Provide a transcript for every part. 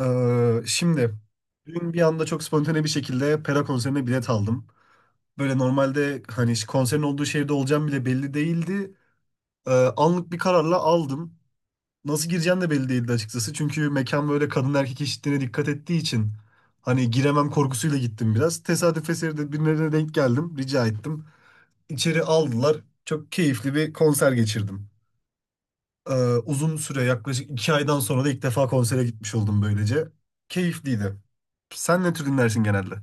Şimdi dün bir anda çok spontane bir şekilde Pera konserine bilet aldım. Böyle normalde hani konserin olduğu şehirde olacağım bile belli değildi. Ee, Anlık bir kararla aldım. Nasıl gireceğim de belli değildi açıkçası. Çünkü mekan böyle kadın erkek eşitliğine dikkat ettiği için hani giremem korkusuyla gittim biraz. Tesadüf eseri de birilerine denk geldim. Rica ettim. İçeri aldılar. Çok keyifli bir konser geçirdim. Ee, Uzun süre yaklaşık 2 aydan sonra da ilk defa konsere gitmiş oldum böylece. Keyifliydi. Sen ne tür dinlersin genelde?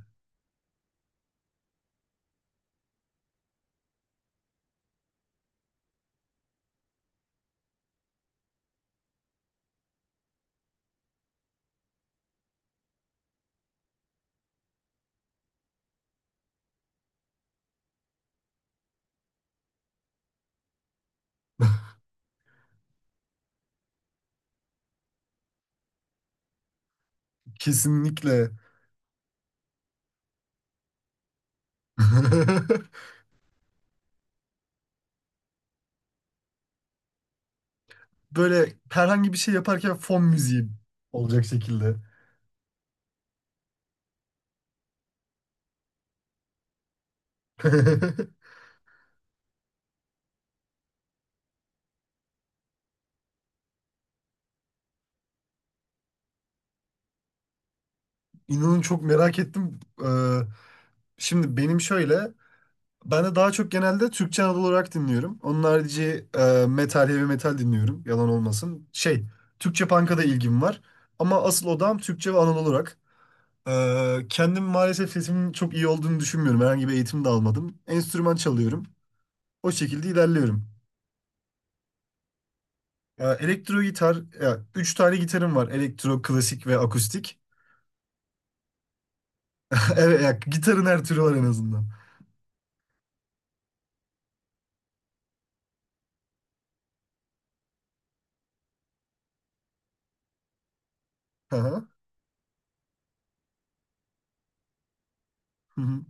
Kesinlikle. Böyle herhangi bir şey yaparken fon müziği olacak şekilde. İnanın çok merak ettim. Ee, Şimdi benim şöyle, ben de daha çok genelde Türkçe Anadolu olarak dinliyorum. Onun harici metal, heavy metal dinliyorum. Yalan olmasın. Türkçe punk'a da ilgim var. Ama asıl odam Türkçe ve Anadolu rock. Kendim maalesef sesimin çok iyi olduğunu düşünmüyorum. Herhangi bir eğitim de almadım. Enstrüman çalıyorum. O şekilde ilerliyorum. Elektro gitar, ya, 3 tane gitarım var. Elektro, klasik ve akustik. Evet, ya, gitarın her türü var en azından. Aha. Hı hı.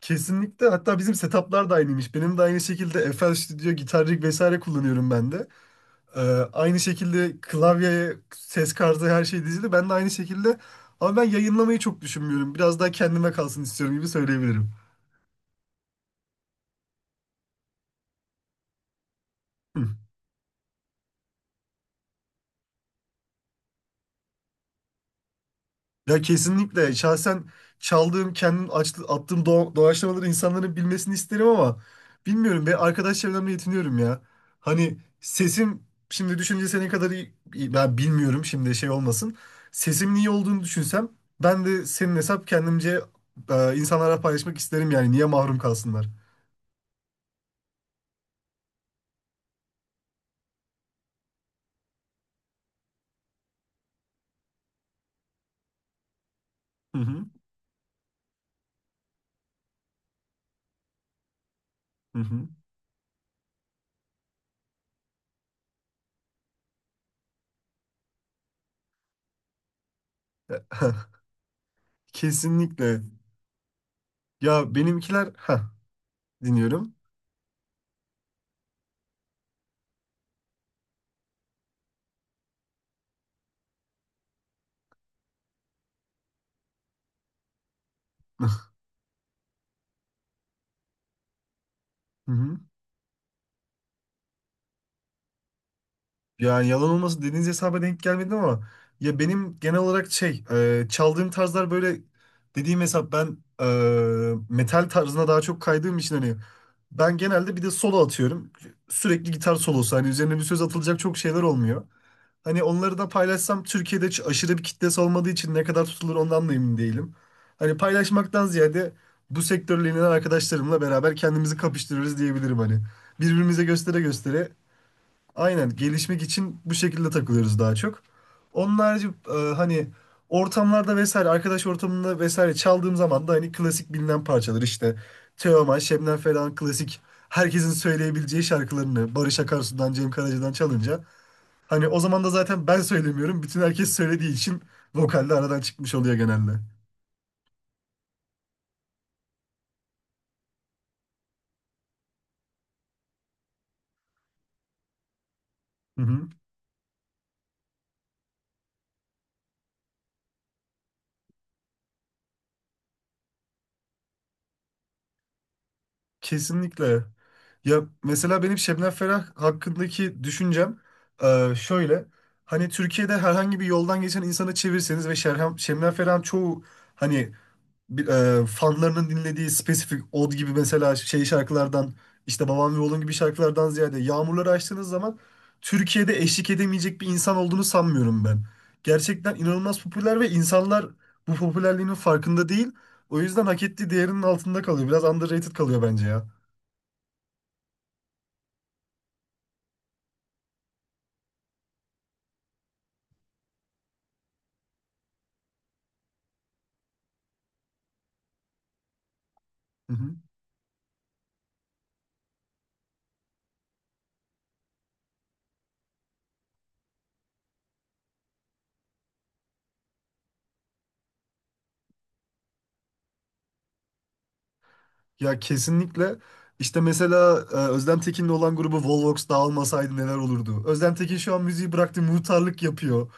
Kesinlikle. Hatta bizim setuplar da aynıymış. Benim de aynı şekilde FL Studio, Guitar Rig vesaire kullanıyorum ben de. Ee, Aynı şekilde klavyeye, ses kartı her şey dizili. Ben de aynı şekilde ama ben yayınlamayı çok düşünmüyorum. Biraz daha kendime kalsın istiyorum gibi söyleyebilirim. Hı. Ya kesinlikle şahsen çaldığım, attığım doğaçlamaları insanların bilmesini isterim ama bilmiyorum ve arkadaş çevremle yetiniyorum ya. Hani sesim şimdi düşünce senin kadar iyi, ben bilmiyorum şimdi şey olmasın. Sesimin iyi olduğunu düşünsem ben de senin hesap kendimce insanlara paylaşmak isterim yani niye mahrum kalsınlar. Hı hı. Hı hı. Kesinlikle. Ya benimkiler dinliyorum. Hı hı. Ya yalan olması dediğiniz hesaba denk gelmedim ama ya benim genel olarak şey çaldığım tarzlar böyle dediğim hesap ben metal tarzına daha çok kaydığım için hani ben genelde bir de solo atıyorum. Sürekli gitar solosu hani üzerine bir söz atılacak çok şeyler olmuyor. Hani onları da paylaşsam Türkiye'de hiç aşırı bir kitlesi olmadığı için ne kadar tutulur ondan da emin değilim. Hani paylaşmaktan ziyade bu sektörle ilgilenen arkadaşlarımla beraber kendimizi kapıştırırız diyebilirim hani. Birbirimize göstere göstere aynen gelişmek için bu şekilde takılıyoruz daha çok. Onun harici hani ortamlarda vesaire arkadaş ortamında vesaire çaldığım zaman da hani klasik bilinen parçalar işte Teoman, Şebnem Ferah'ın klasik herkesin söyleyebileceği şarkılarını Barış Akarsu'dan, Cem Karaca'dan çalınca hani o zaman da zaten ben söylemiyorum. Bütün herkes söylediği için vokalde aradan çıkmış oluyor genelde. Hı hı. Kesinlikle. Ya mesela benim Şebnem Ferah hakkındaki düşüncem şöyle. Hani Türkiye'de herhangi bir yoldan geçen insanı çevirseniz ve Şebnem Ferah'ın çoğu hani bir, fanlarının dinlediği spesifik od gibi mesela şey şarkılardan işte Babam ve Oğlum gibi şarkılardan ziyade Yağmurları açtığınız zaman Türkiye'de eşlik edemeyecek bir insan olduğunu sanmıyorum ben. Gerçekten inanılmaz popüler ve insanlar bu popülerliğinin farkında değil. O yüzden hak ettiği değerinin altında kalıyor. Biraz underrated kalıyor bence ya. Hı hı. Ya kesinlikle. İşte mesela Özlem Tekin'le olan grubu Volvox dağılmasaydı neler olurdu? Özlem Tekin şu an müziği bıraktı, muhtarlık yapıyor.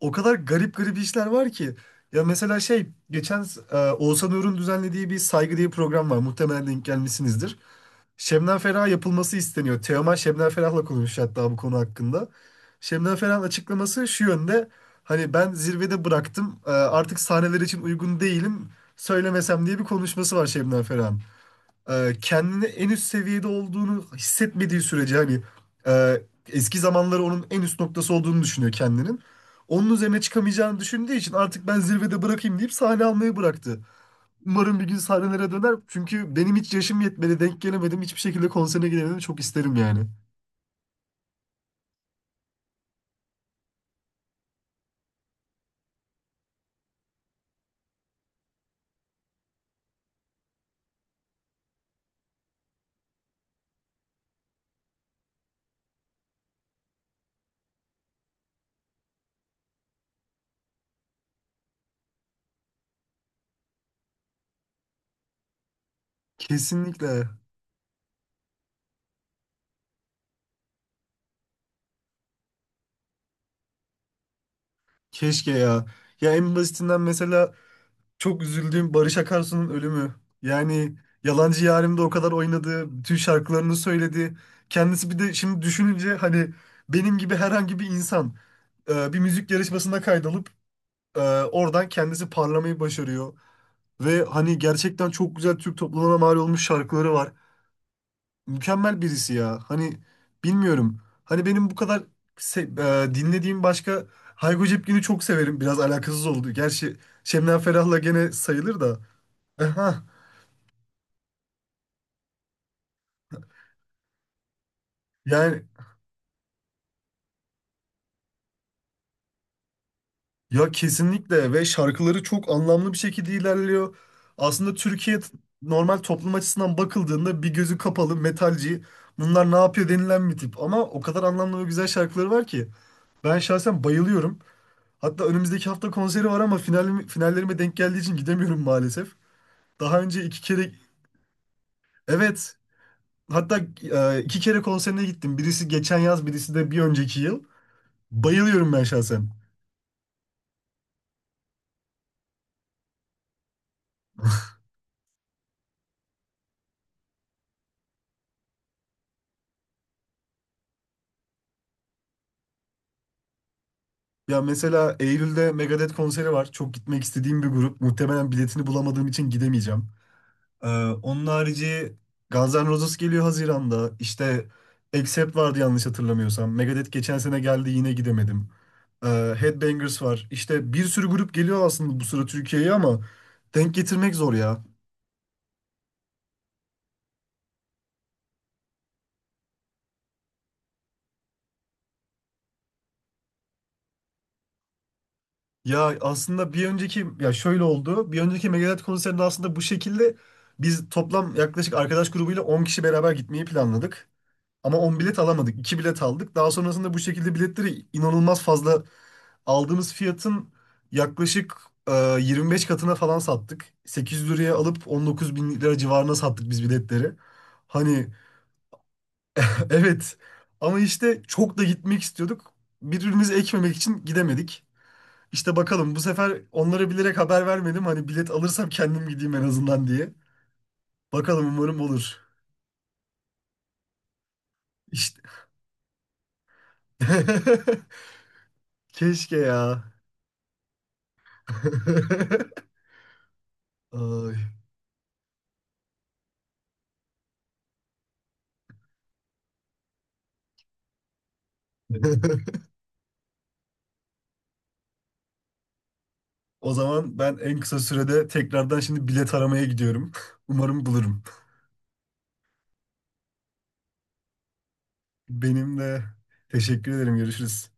O kadar garip garip işler var ki. Ya mesela şey geçen Oğuzhan Uğur'un düzenlediği bir saygı diye bir program var. Muhtemelen denk gelmişsinizdir. Şebnem Ferah yapılması isteniyor. Teoman Şebnem Ferah'la konuşmuş hatta bu konu hakkında. Şebnem Ferah'ın açıklaması şu yönde. Hani ben zirvede bıraktım. Artık sahneler için uygun değilim. Söylemesem diye bir konuşması var Şebnem Ferah'ın kendini en üst seviyede olduğunu hissetmediği sürece hani eski zamanları onun en üst noktası olduğunu düşünüyor kendinin. Onun üzerine çıkamayacağını düşündüğü için artık ben zirvede bırakayım deyip sahne almayı bıraktı. Umarım bir gün sahnelere döner. Çünkü benim hiç yaşım yetmedi, denk gelemedim. Hiçbir şekilde konserine gidemedim. Çok isterim yani. Kesinlikle. Keşke ya. Ya en basitinden mesela çok üzüldüğüm Barış Akarsu'nun ölümü. Yani Yalancı Yarim'de o kadar oynadı, bütün şarkılarını söyledi. Kendisi bir de şimdi düşününce hani benim gibi herhangi bir insan bir müzik yarışmasına kaydolup e, oradan kendisi parlamayı başarıyor. Ve hani gerçekten çok güzel Türk toplumuna mal olmuş şarkıları var. Mükemmel birisi ya. Hani bilmiyorum. Hani benim bu kadar dinlediğim başka Hayko Cepkin'i çok severim. Biraz alakasız oldu. Gerçi Şebnem Ferah'la gene sayılır da. Aha, yani ya kesinlikle ve şarkıları çok anlamlı bir şekilde ilerliyor. Aslında normal toplum açısından bakıldığında bir gözü kapalı metalci bunlar ne yapıyor denilen bir tip. Ama o kadar anlamlı ve güzel şarkıları var ki ben şahsen bayılıyorum. Hatta önümüzdeki hafta konseri var ama finallerime denk geldiği için gidemiyorum maalesef. Daha önce 2 kere evet hatta 2 kere konserine gittim. Birisi geçen yaz birisi de bir önceki yıl. Bayılıyorum ben şahsen. Ya mesela Eylül'de Megadeth konseri var. Çok gitmek istediğim bir grup. Muhtemelen biletini bulamadığım için gidemeyeceğim. Ee, Onun harici Guns N' Roses geliyor Haziran'da. İşte Accept vardı yanlış hatırlamıyorsam. Megadeth geçen sene geldi yine gidemedim. Headbangers var. İşte bir sürü grup geliyor aslında bu sıra Türkiye'ye ama denk getirmek zor ya. Ya aslında bir önceki ya şöyle oldu. Bir önceki Megadeth konserinde aslında bu şekilde biz toplam yaklaşık arkadaş grubuyla 10 kişi beraber gitmeyi planladık. Ama 10 bilet alamadık. İki bilet aldık. Daha sonrasında bu şekilde biletleri inanılmaz fazla aldığımız fiyatın yaklaşık e, 25 katına falan sattık. 800 liraya alıp 19 bin lira civarına sattık biz biletleri. Hani evet ama işte çok da gitmek istiyorduk. Birbirimizi ekmemek için gidemedik. İşte bakalım bu sefer onlara bilerek haber vermedim. Hani bilet alırsam kendim gideyim en azından diye. Bakalım umarım olur. İşte. Keşke ya. Ay. O zaman ben en kısa sürede tekrardan şimdi bilet aramaya gidiyorum. Umarım bulurum. Benim de teşekkür ederim. Görüşürüz.